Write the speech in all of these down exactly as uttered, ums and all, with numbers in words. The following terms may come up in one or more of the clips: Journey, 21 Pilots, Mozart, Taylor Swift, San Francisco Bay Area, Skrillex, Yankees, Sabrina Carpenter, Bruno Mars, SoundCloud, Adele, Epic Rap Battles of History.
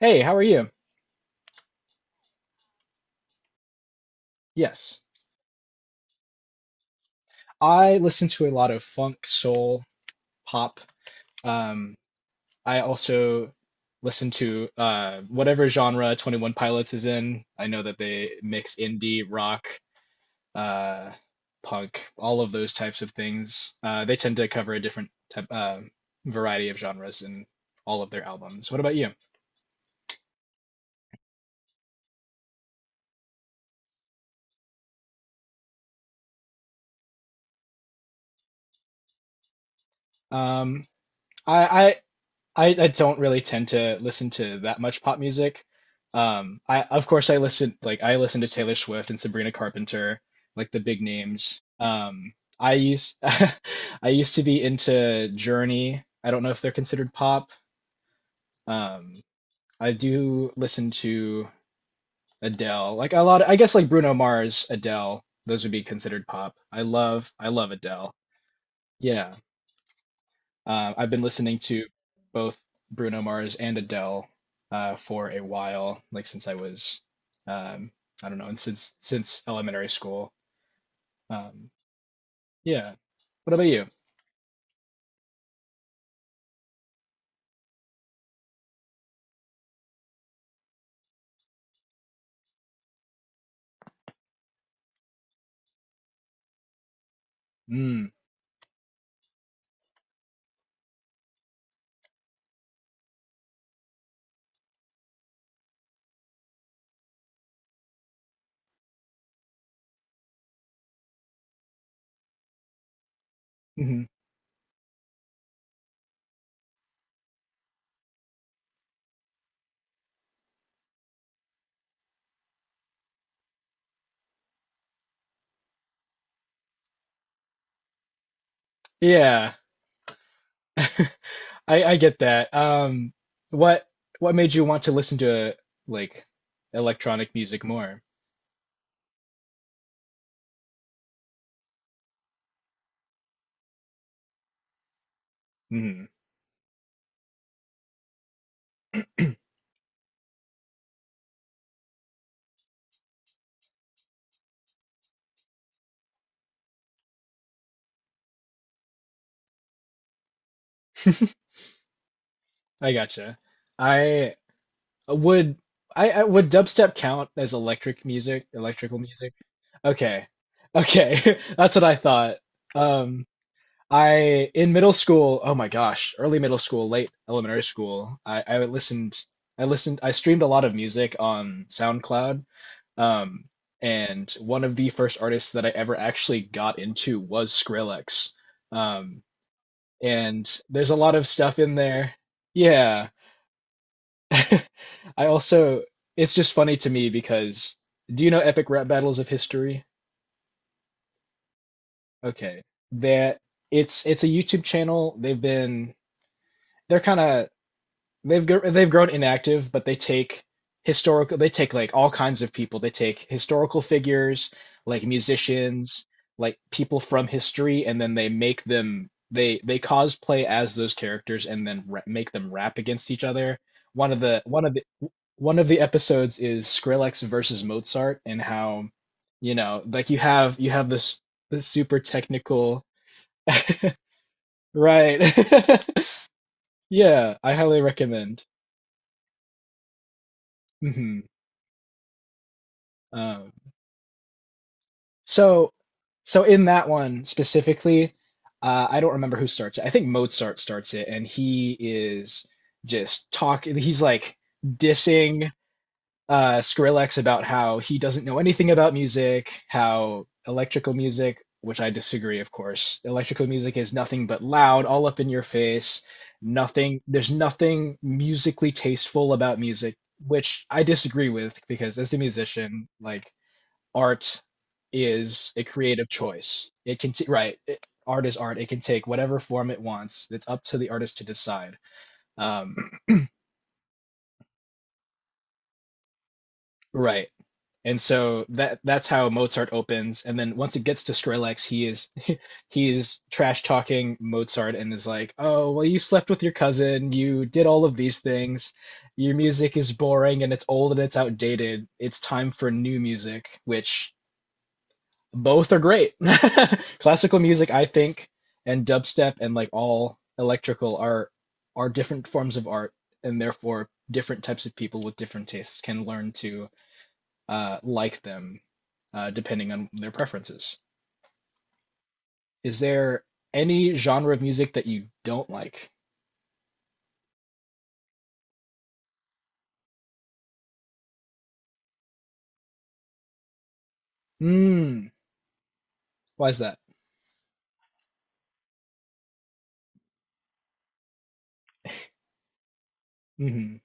Hey, how are you? Yes. I listen to a lot of funk, soul, pop. Um, I also listen to uh, whatever genre twenty one Pilots is in. I know that they mix indie, rock, uh, punk, all of those types of things. Uh, they tend to cover a different type, uh, variety of genres in all of their albums. What about you? Um, I, I, I don't really tend to listen to that much pop music. Um, I of course I listen like I listen to Taylor Swift and Sabrina Carpenter, like the big names. Um, I used I used to be into Journey. I don't know if they're considered pop. Um, I do listen to Adele. Like a lot of, I guess like Bruno Mars, Adele, those would be considered pop. I love I love Adele. Yeah. Uh, I've been listening to both Bruno Mars and Adele uh, for a while, like since I was, um, I don't know, and since since elementary school. Um, yeah. What about you? Mm, hmm. Yeah, I I get that. Um, what what made you want to listen to like electronic music more? Hmm. I gotcha. I would I, I would dubstep count as electric music, electrical music? Okay. Okay. That's what I thought. Um, I in middle school, oh my gosh, early middle school, late elementary school, I, I listened I listened I streamed a lot of music on SoundCloud. Um, and one of the first artists that I ever actually got into was Skrillex. Um, and there's a lot of stuff in there. Yeah. I also it's just funny to me because do you know Epic Rap Battles of History? Okay. That it's it's a YouTube channel. They've been they're kind of they've gr- they've grown inactive, but they take historical they take like all kinds of people. They take historical figures, like musicians, like people from history, and then they make them they they cosplay as those characters and then ra make them rap against each other. One of the one of the one of the episodes is Skrillex versus Mozart and how, you know, like you have you have this this super technical Right. Yeah, I highly recommend. Hmm. Um, so, so in that one specifically, uh, I don't remember who starts it. I think Mozart starts it, and he is just talking. He's like dissing uh, Skrillex about how he doesn't know anything about music, how electrical music, which I disagree, of course, electrical music is nothing but loud, all up in your face, nothing, there's nothing musically tasteful about music, which I disagree with because as a musician, like art is a creative choice. It can, t- right, it, art is art. It can take whatever form it wants. It's up to the artist to decide. Um, Right. And so that that's how Mozart opens. And then once it gets to Skrillex, he is he is trash talking Mozart and is like, "Oh, well, you slept with your cousin, you did all of these things. Your music is boring and it's old and it's outdated. It's time for new music," which both are great. Classical music, I think, and dubstep and like all electrical are are different forms of art and therefore different types of people with different tastes can learn to uh, like them uh, depending on their preferences. Is there any genre of music that you don't like? Hmm. Why is that? Mm-hmm.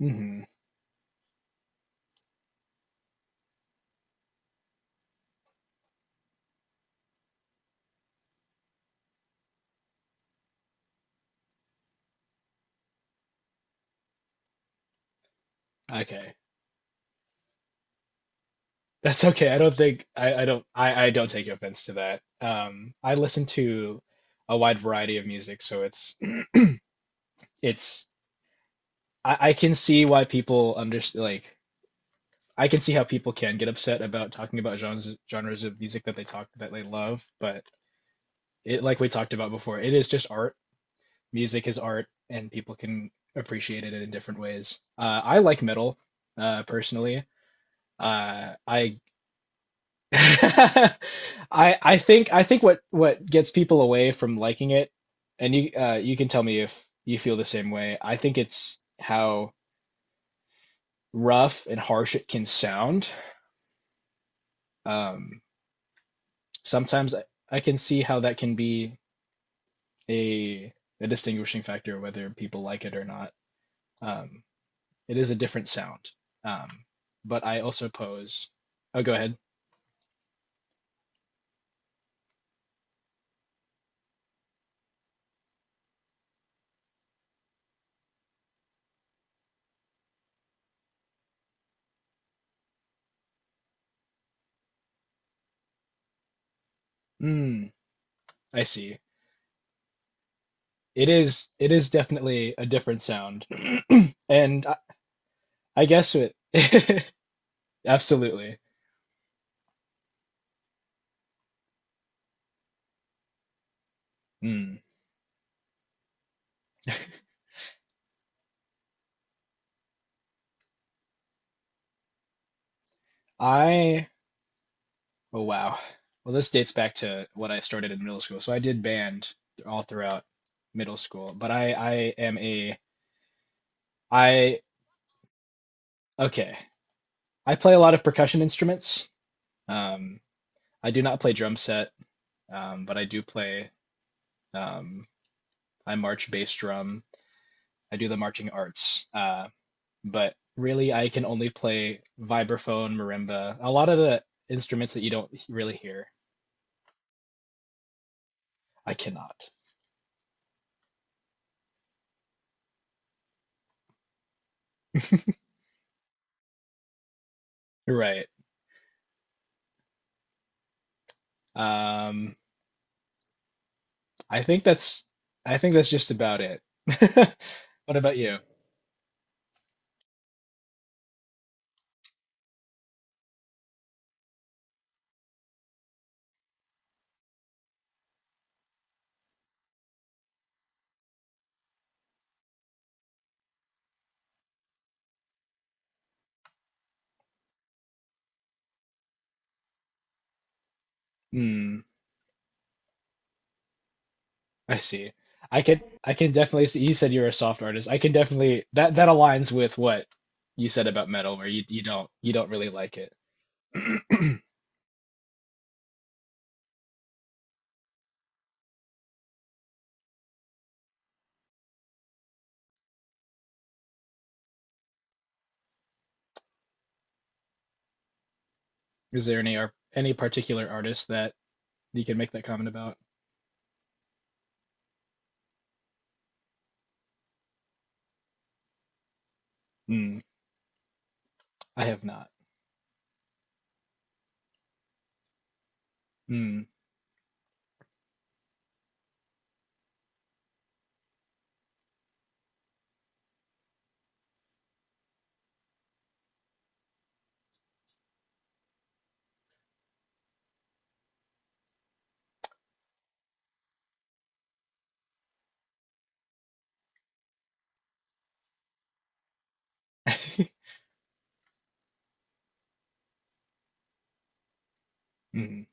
Mm-hmm. Okay. That's okay. I don't think I, I don't I, I don't take offense to that. Um, I listen to a wide variety of music, so it's it's I, I can see why people under like I can see how people can get upset about talking about genres genres of music that they talk that they love, but it like we talked about before, it is just art. Music is art and people can appreciate it in different ways. Uh, I like metal uh, personally. Uh, I I I think I think what what gets people away from liking it, and you uh, you can tell me if you feel the same way. I think it's how rough and harsh it can sound. Um, sometimes I, I can see how that can be a a distinguishing factor whether people like it or not. Um, It is a different sound. Um, but I also pose. Oh, go ahead. Mm, I see. It is it is definitely a different sound. And I, I guess it absolutely. Mm. I oh wow. Well, this dates back to what I started in middle school. So I did band all throughout middle school, but I I am a I okay. I play a lot of percussion instruments. Um, I do not play drum set, um, but I do play um, I march bass drum. I do the marching arts. Uh, but really, I can only play vibraphone, marimba, a lot of the instruments that you don't really hear. I cannot. Right. Um, I think that's I think that's just about it. What about you? Hmm, I see. I can I can definitely see you said you're a soft artist. I can definitely that that aligns with what you said about metal where you you don't you don't really like it. Is there any ar- any particular artist that you can make that comment about? Mm, I have not. Mm. Mm,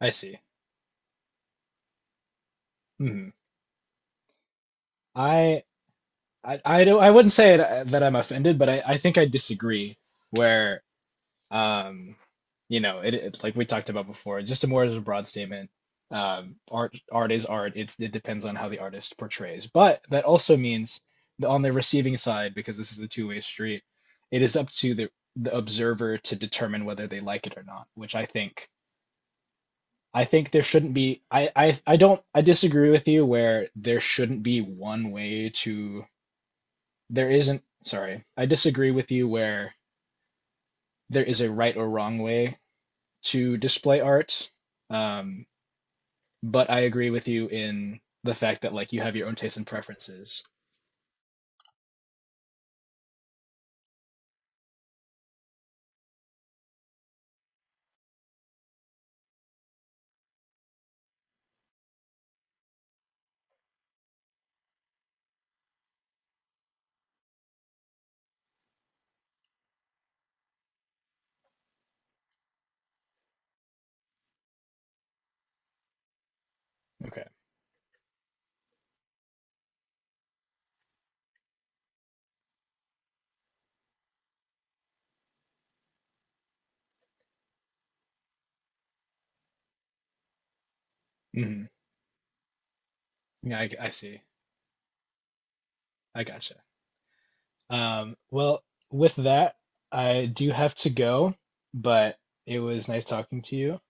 I see. Mm. I, I I don't I wouldn't say it, that I'm offended, but I, I think I disagree where um you know it, it like we talked about before, just a more as a broad statement. Um, art art is art. It's it depends on how the artist portrays. But that also means that on the receiving side, because this is a two-way street, it is up to the the observer to determine whether they like it or not, which I think I think there shouldn't be I, I I don't I disagree with you where there shouldn't be one way to there isn't sorry. I disagree with you where there is a right or wrong way to display art. Um, but I agree with you in the fact that like you have your own tastes and preferences. Okay. Hmm. Yeah, I, I see. I gotcha. Um, well, with that, I do have to go, but it was nice talking to you.